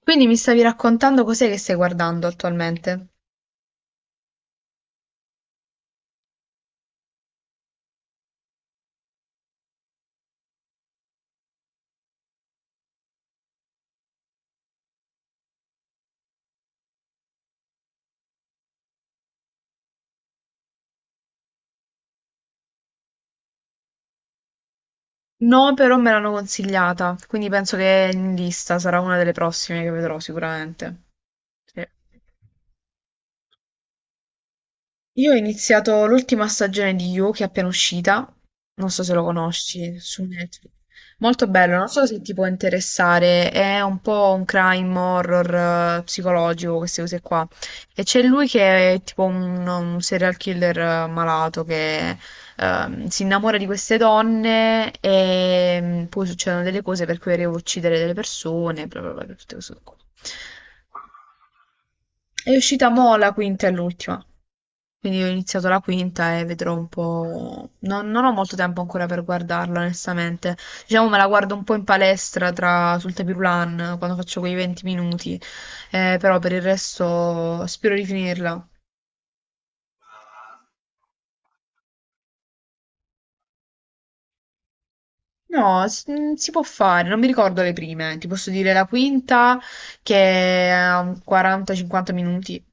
Quindi mi stavi raccontando cos'è che stai guardando attualmente? No, però me l'hanno consigliata, quindi penso che è in lista, sarà una delle prossime che vedrò sicuramente. Sì. Io ho iniziato l'ultima stagione di You che è appena uscita, non so se lo conosci, su Netflix. Molto bello, non so se ti può interessare, è un po' un crime horror psicologico, queste cose qua. E c'è lui che è tipo un serial killer malato che si innamora di queste donne e poi succedono delle cose per cui arriva a uccidere delle persone, bla bla bla, tutte queste cose qua. È uscita mo la quinta e l'ultima. Quindi ho iniziato la quinta e vedrò un po'. Non ho molto tempo ancora per guardarla, onestamente. Diciamo me la guardo un po' in palestra tra, sul tapis roulant, quando faccio quei 20 minuti. Però per il resto spero di finirla. No, si può fare, non mi ricordo le prime. Ti posso dire la quinta che ha un 40-50 minuti.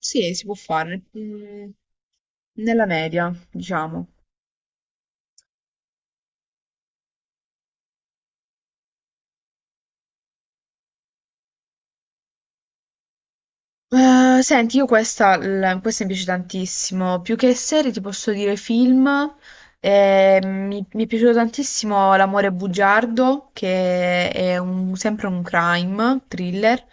Sì, si può fare. Mm. Nella media, diciamo. Senti, io questa, questa mi piace tantissimo, più che serie ti posso dire film. Mi è piaciuto tantissimo L'amore bugiardo, che è sempre un crime thriller.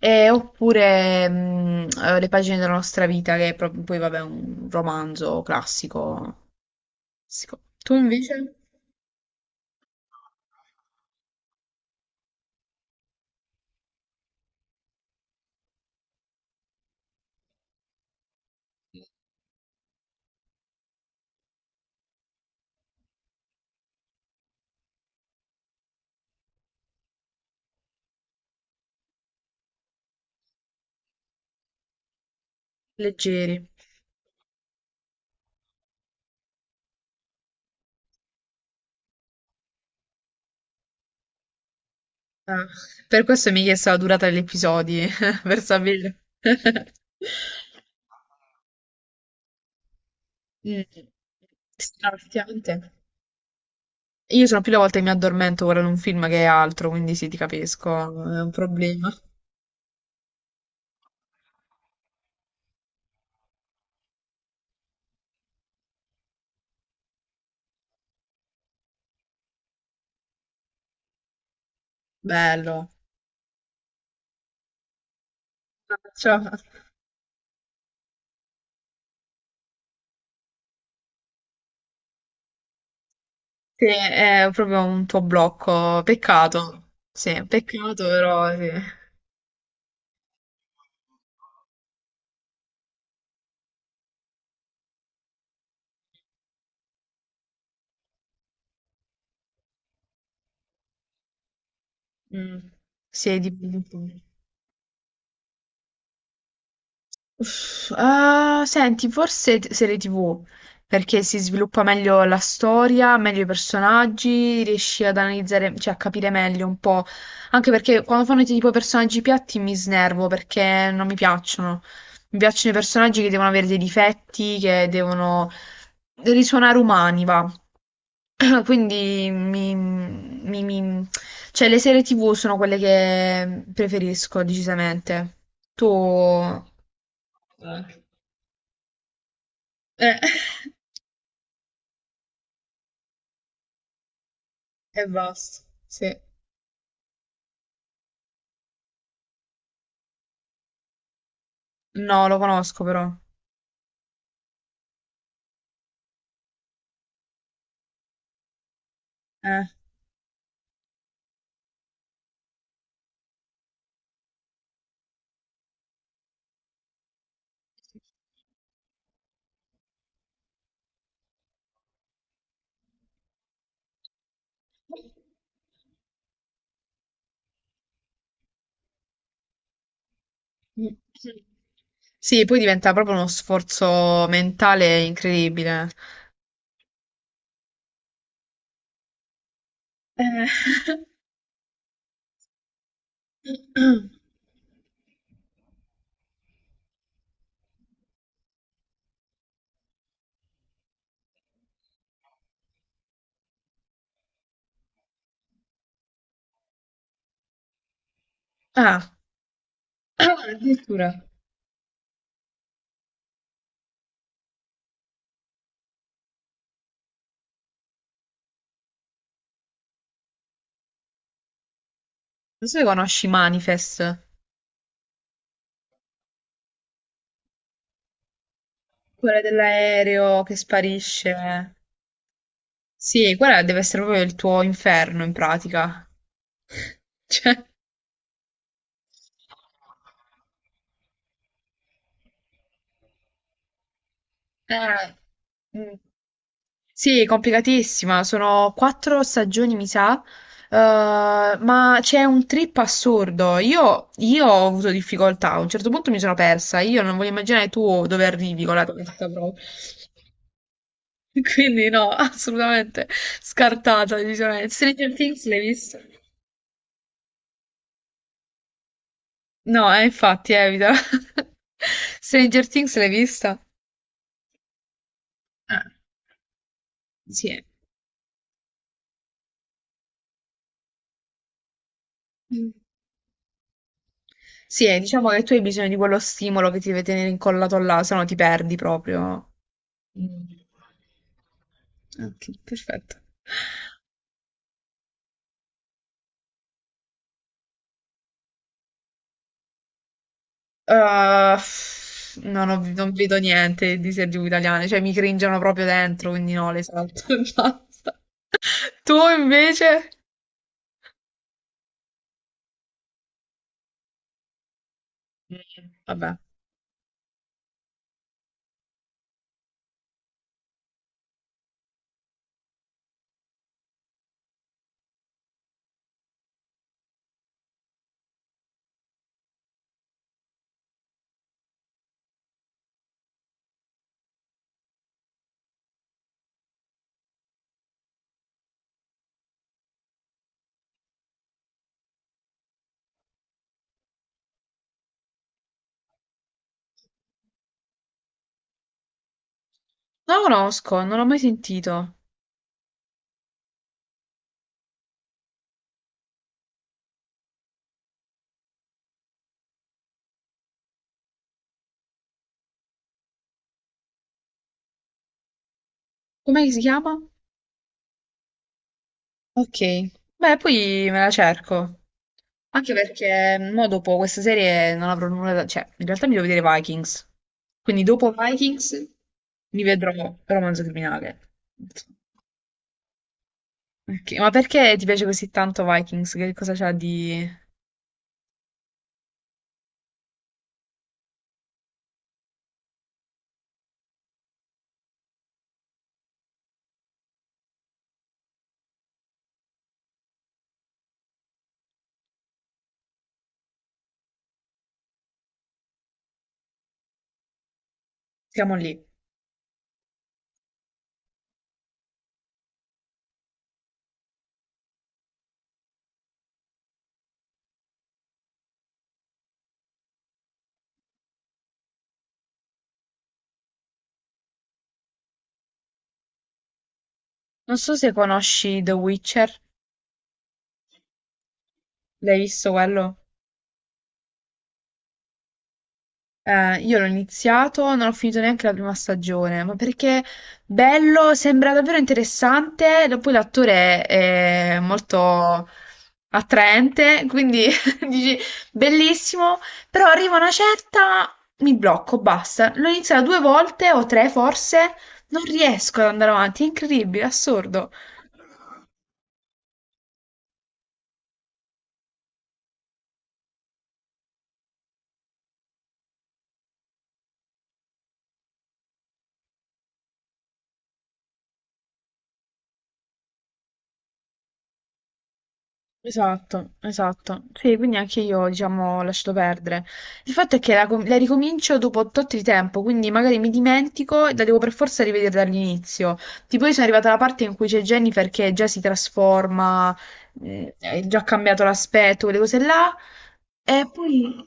Oppure Le pagine della nostra vita, che è proprio, poi vabbè, un romanzo classico. Classico. Tu invece? Leggeri. Ah, per questo mi hai chiesto la durata degli episodi, per sapere. Mm. Straziante. Io sono più le volte che mi addormento guardando un film che è altro, quindi sì, ti capisco, è un problema. Bello. Cioè, sì, è proprio un tuo blocco. Peccato. Sì, peccato, però sì. Mm. Sì, di... Uff, ah, senti, serie TV, perché si sviluppa meglio la storia, meglio i personaggi, riesci ad analizzare, cioè a capire meglio un po'. Anche perché quando fanno tipo personaggi piatti mi snervo perché non mi piacciono. Mi piacciono i personaggi che devono avere dei difetti, che devono risuonare umani, va. Quindi mi, mi- mi- cioè le serie TV sono quelle che preferisco decisamente. Tu... Eh, e basta. Sì. No, lo conosco però. Eh. Sì, poi diventa proprio uno sforzo mentale incredibile. Eh. Ah, addirittura. Non so se conosci Manifest, quella dell'aereo che sparisce. Sì, quella deve essere proprio il tuo inferno in pratica. Cioè... Eh, mm. Sì, complicatissima, sono 4 stagioni, mi sa, ma c'è un trip assurdo. Io ho avuto difficoltà, a un certo punto mi sono persa, io non voglio immaginare tu dove arrivi con la tua testa proprio. Quindi no, assolutamente scartata, decisamente. Stranger Things l'hai vista? No, infatti, evita. Stranger Things l'hai vista? Ah, sì. Sì, diciamo che tu hai bisogno di quello stimolo che ti deve tenere incollato là, se no ti perdi proprio. Mm. Ok, perfetto. Uh, non vedo niente di serie TV italiane, cioè mi cringiano proprio dentro, quindi no, le salto e basta. Tu invece? Mm. Vabbè. Non lo conosco, non l'ho mai sentito. Com'è che si chiama? Ok, beh, poi me la cerco. Anche perché mo dopo questa serie non avrò nulla da... Cioè, in realtà mi devo vedere Vikings. Quindi dopo Vikings mi vedrò Romanzo Criminale. Ok, ma perché ti piace così tanto Vikings? Che cosa c'ha di... Siamo lì. Non so se conosci The Witcher. L'hai visto quello? Io l'ho iniziato, non ho finito neanche la 1ª stagione, ma perché bello, sembra davvero interessante, e poi l'attore è molto attraente, quindi dici bellissimo, però arriva una certa, mi blocco, basta. L'ho iniziato due volte o tre forse, non riesco ad andare avanti, è incredibile, assurdo. Esatto, esatto. Sì, quindi anche io, diciamo, ho lasciato perdere. Il fatto è che la ricomincio dopo tot di tempo, quindi magari mi dimentico e la devo per forza rivedere dall'inizio. Tipo, io sono arrivata alla parte in cui c'è Jennifer che già si trasforma, è già cambiato l'aspetto, quelle cose là. E poi...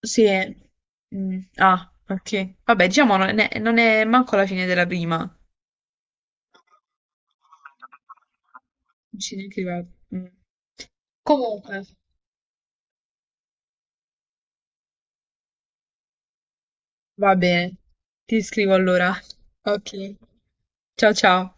Sì. Mm, ah, ok. Vabbè, diciamo, non è manco la fine della prima. Non ci neanche arrivato. Mm. Comunque. Va bene, ti scrivo allora. Ok. Ciao ciao.